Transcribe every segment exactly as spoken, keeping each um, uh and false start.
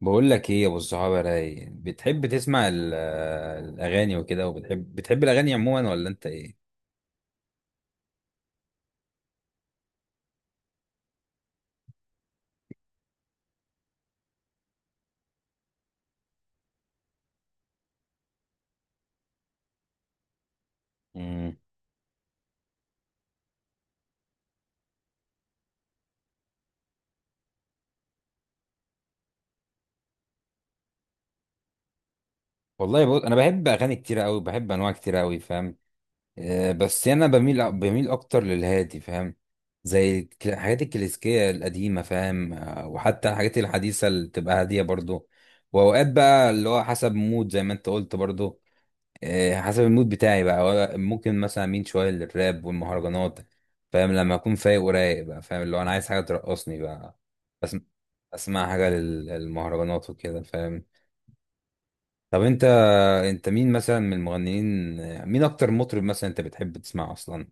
بقول لك ايه يا ابو الصحابه راي، بتحب تسمع ال- الاغاني وكده؟ وبتحب، بتحب الاغاني عموما ولا انت ايه؟ امم. والله بقول انا بحب اغاني كتير قوي، بحب انواع كتير قوي، فاهم؟ آه بس انا بميل بميل اكتر للهادي، فاهم؟ زي الك- الحاجات الكلاسيكيه القديمه، فاهم؟ آه، وحتى الحاجات الحديثه اللي تبقى هاديه برضو. واوقات بقى اللي هو حسب مود زي ما انت قلت برضو. آه، حسب المود بتاعي بقى، ولا- ممكن مثلا اميل شويه للراب والمهرجانات. فاهم؟ لما اكون فايق ورايق بقى، فاهم؟ اللي هو انا عايز حاجه ترقصني بقى. بس اسمع حاجه لل- للمهرجانات وكده، فاهم؟ طب انت انت مين مثلا من المغنيين؟ مين اكتر مطرب مثلا انت بتحب تسمعه اصلا؟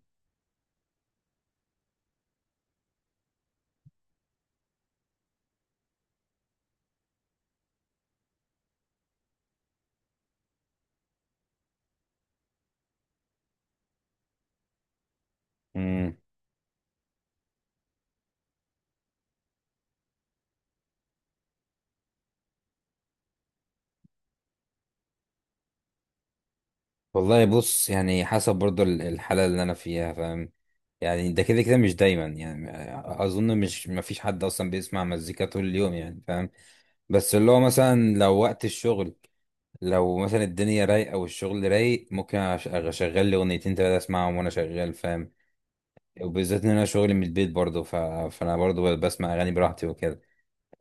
امم. والله بص، يعني حسب برضو ال- الحاله اللي انا فيها، فاهم؟ يعني ده كده كده مش دايما يعني. اظن مش مفيش حد اصلا بيسمع مزيكا طول اليوم، يعني فاهم؟ بس اللي هو مثلا لو وقت الشغل، لو مثلا الدنيا رايقه والشغل رايق، ممكن أش- اشغل لي اغنيتين تلاتة اسمعهم وانا شغال، فاهم؟ وبالذات ان انا شغلي من البيت برضه، ف... فانا برضه بسمع اغاني براحتي وكده.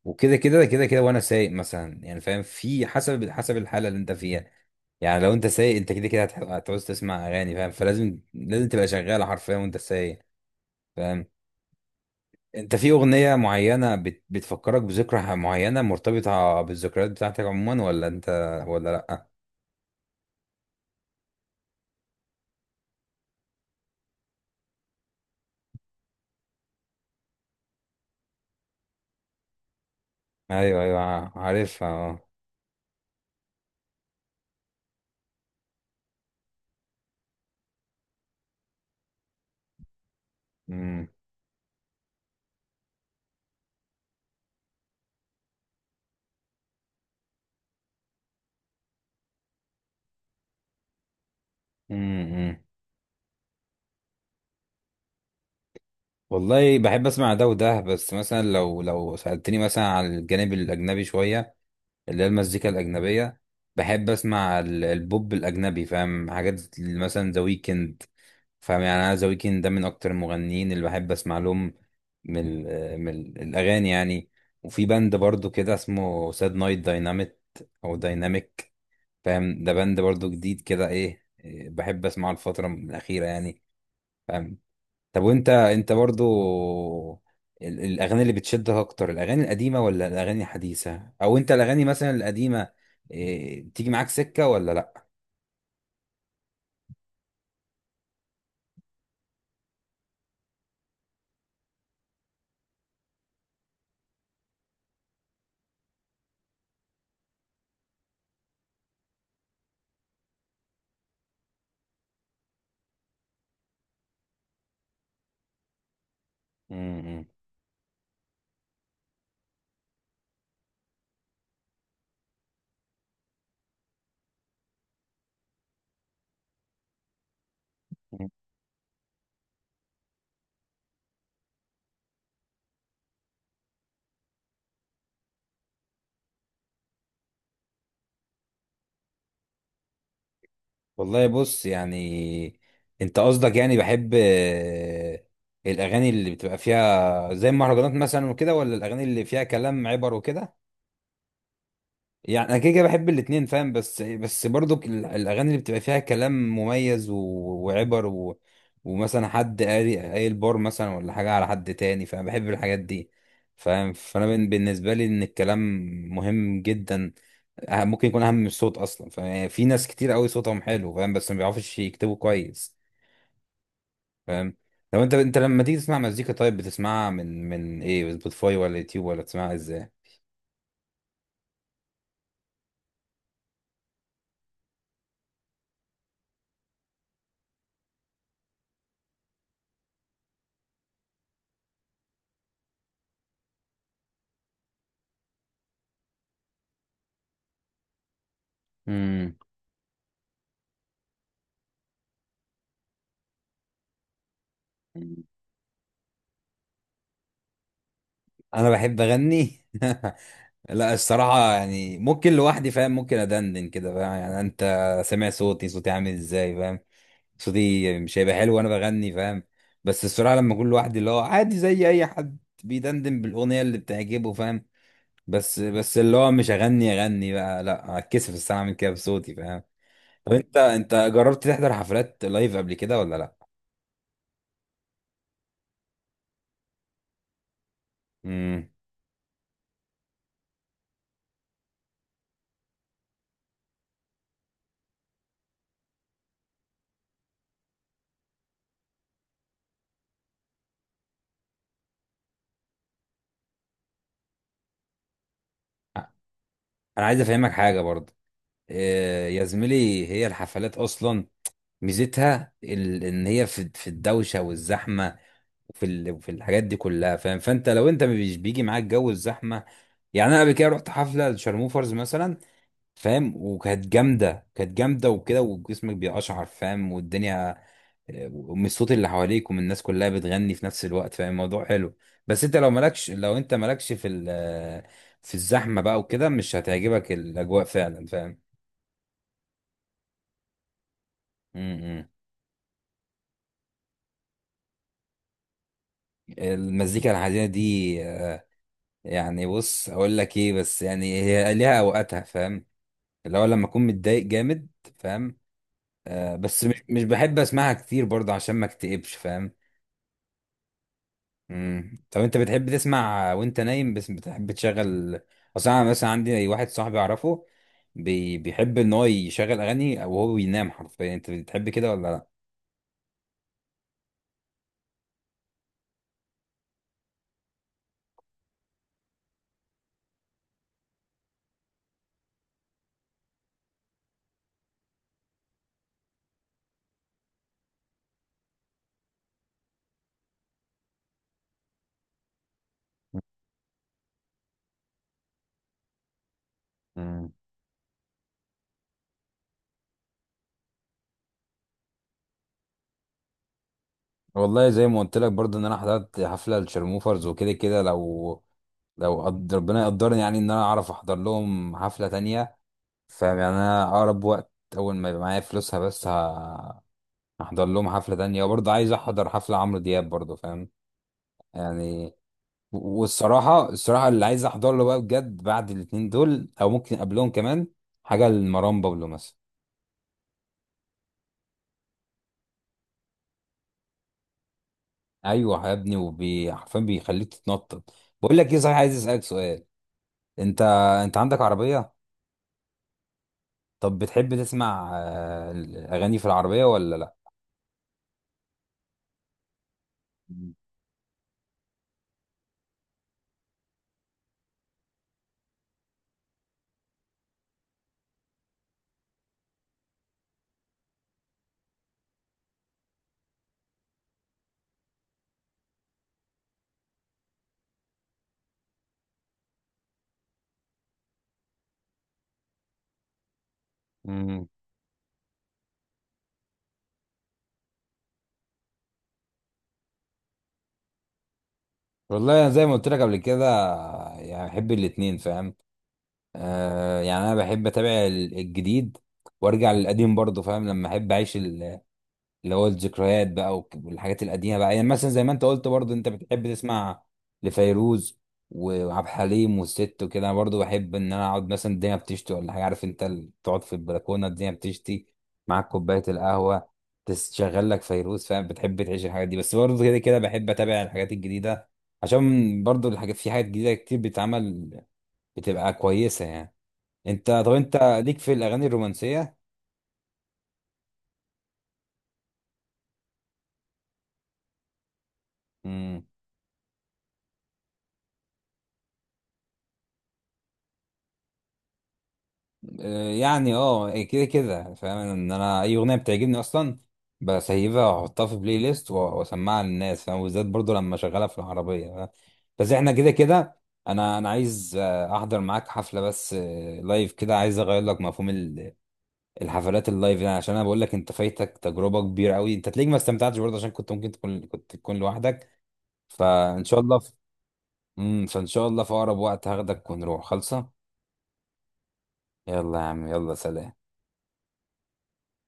وكده كده كده كده وانا سايق مثلا، يعني فاهم؟ في حسب حسب الحاله اللي انت فيها. يعني لو انت سايق، انت كده كده هتح- هتعوز تسمع اغاني، فاهم؟ فلازم، لازم تبقى شغاله حرفيا وانت سايق، فاهم؟ انت في اغنيه معينه بت... بتفكرك بذكرى معينه مرتبطه بالذكريات بتاعتك عموما، ولا انت ولا لا؟ ايوه، ايوه، عارفها. آه. مم. مم. مم. والله بحب اسمع ده وده، بس مثلا لو لو سألتني مثلا على الجانب الاجنبي شويه، اللي هي المزيكا الاجنبيه، بحب اسمع ال- البوب الاجنبي، فاهم؟ حاجات مثلا ذا ويكند. فاهم؟ يعني انا ذا ويكند ده من اكتر المغنيين اللي بحب اسمع لهم من ال- من ال- الاغاني يعني. وفي باند برضو كده اسمه ساد نايت دايناميت، او دايناميك، فاهم؟ ده باند برضو جديد كده ايه إيه، بحب اسمعه الفتره الاخيره يعني. طب وانت، انت برضو ال- الاغاني اللي بتشدك اكتر، الاغاني القديمه ولا الاغاني الحديثه؟ او انت الاغاني مثلا القديمه، إيه، تيجي معاك سكه ولا لا؟ امم. والله بص، يعني انت قصدك يعني بحب آه، الاغاني اللي بتبقى فيها زي المهرجانات مثلا وكده، ولا الاغاني اللي فيها كلام عبر وكده؟ يعني انا كده كده بحب الاتنين، فاهم؟ بس بس برضو ال- الاغاني اللي بتبقى فيها كلام مميز و... وعبر، و... ومثلا حد قاري قايل بار مثلا، ولا حاجه على حد تاني، فانا بحب الحاجات دي، فاهم؟ فانا بن- بالنسبه لي ان الكلام مهم جدا. أه- ممكن يكون اهم من الصوت اصلا. ففي ناس كتير قوي صوتهم حلو، فاهم؟ بس ما بيعرفوش يكتبوا كويس، فاهم؟ لو انت، انت لما تيجي تسمع مزيكا، طيب بتسمعها من من ايه، سبوتيفاي ولا يوتيوب؟ ولا بتسمعها ازاي؟ امم. انا بحب اغني لا الصراحة، يعني ممكن لوحدي، فاهم؟ ممكن أدندن كده، فاهم؟ يعني أنت سامع صوتي، صوتي عامل إزاي؟ فاهم؟ صوتي مش هيبقى حلو وأنا بغني، فاهم؟ بس الصراحة لما أكون لوحدي، اللي هو عادي زي أي حد بيدندن بالأغنية اللي بتعجبه، فاهم؟ بس بس اللي هو مش أغني، أغني بقى لا، هتكسف الصراحة أعمل كده بصوتي، فاهم؟ طب أنت، أنت جربت تحضر حفلات لايف قبل كده ولا لأ؟ امم. أنا عايز أفهمك حاجة برضه. إيه يا زميلي، هي الحفلات أصلا ميزتها ال- ان هي في، في الدوشه والزحمه، وفي ال- وفي الحاجات دي كلها، فاهم؟ فانت لو انت مش بيجي معاك جو الزحمه. يعني انا قبل كده رحت حفله لشارموفرز مثلا، فاهم؟ وكانت جامده، كانت جامده وكده، وجسمك بيقشعر، فاهم؟ والدنيا، ومن الصوت اللي حواليك ومن الناس كلها بتغني في نفس الوقت، فاهم؟ الموضوع حلو. بس انت لو مالكش، لو انت مالكش في ال في الزحمه بقى وكده، مش هتعجبك الاجواء فعلا، فاهم؟ م- م. المزيكا الحزينه دي آه، يعني بص اقول لك ايه، بس يعني هي ليها اوقاتها، فاهم؟ اللي هو لما اكون متضايق جامد، فاهم؟ آه بس مش مش بحب اسمعها كتير برضه عشان ما اكتئبش، فاهم؟ مم. طب انت بتحب تسمع وانت نايم؟ بس بتحب تشغل، اصل انا مثلا عندي واحد صاحبي اعرفه بي... بيحب ان هو يشغل اغاني وهو بينام حرفيا. انت بتحب كده ولا لا؟ مم. والله زي ما قلت لك برضه ان انا حضرت حفله للشرموفرز وكده كده، لو لو قد- ربنا يقدرني يعني ان انا اعرف احضر لهم حفله تانية، فاهم؟ يعني انا اقرب وقت، اول ما يبقى معايا فلوسها بس، ه- هحضر لهم حفله تانية. وبرضه عايز احضر حفله عمرو دياب برضه، فاهم يعني؟ و- والصراحه الصراحه اللي عايز احضر له بقى بجد بعد الاتنين دول، او ممكن قبلهم كمان، حاجه لمروان بابلو مثلا. ايوه يا ابني، وبي حرفيا بيخليك تتنطط. بقول لك ايه صحيح، عايز اسالك سؤال. انت، انت عندك عربيه؟ طب بتحب تسمع آه، الاغاني في العربيه ولا لا؟ امم. والله أنا زي ما قلت لك قبل كده، يعني بحب الاتنين، فاهم؟ آه يعني انا بحب اتابع ال- الجديد وارجع للقديم برضه، فاهم؟ لما احب اعيش ال- اللي هو الذكريات بقى، والك- والحاجات القديمه بقى. يعني مثلا زي ما انت قلت برضه انت بتحب تسمع لفيروز و- وعبد الحليم والست وكده. انا برضه بحب ان انا اقعد، مثلا الدنيا بتشتي ولا حاجه، عارف انت، ال- تقعد في البلكونه، الدنيا بتشتي، معاك كوبايه القهوه، تشغل لك فيروز، فاهم؟ بتحب تعيش الحاجات دي. بس برضه كده كده بحب اتابع الحاجات الجديده، عشان برضه الحاجات في حاجات جديده كتير بتتعمل بتبقى كويسه يعني. انت طب انت ليك في الاغاني الرومانسيه؟ امم. آه، يعني اه إيه، كده كده فاهم ان انا اي اغنيه بتعجبني اصلا بسيبها واحطها في بلاي ليست و- واسمعها للناس، فاهم؟ وبالذات برضو لما اشغلها في العربيه، فاهم؟ بس احنا كده كده. انا انا عايز آه، احضر معاك حفله، بس آه، لايف كده، عايز اغير لك مفهوم ال- الحفلات اللايف. يعني عشان انا بقول لك انت فايتك تجربه كبيره قوي، انت تلاقيك ما استمتعتش برضه عشان كنت ممكن تكون، كنت تكون لوحدك فان شاء الله في... مم، فان شاء الله في اقرب وقت هاخدك ونروح خالصه. يلا يا عم، يلا. سلام.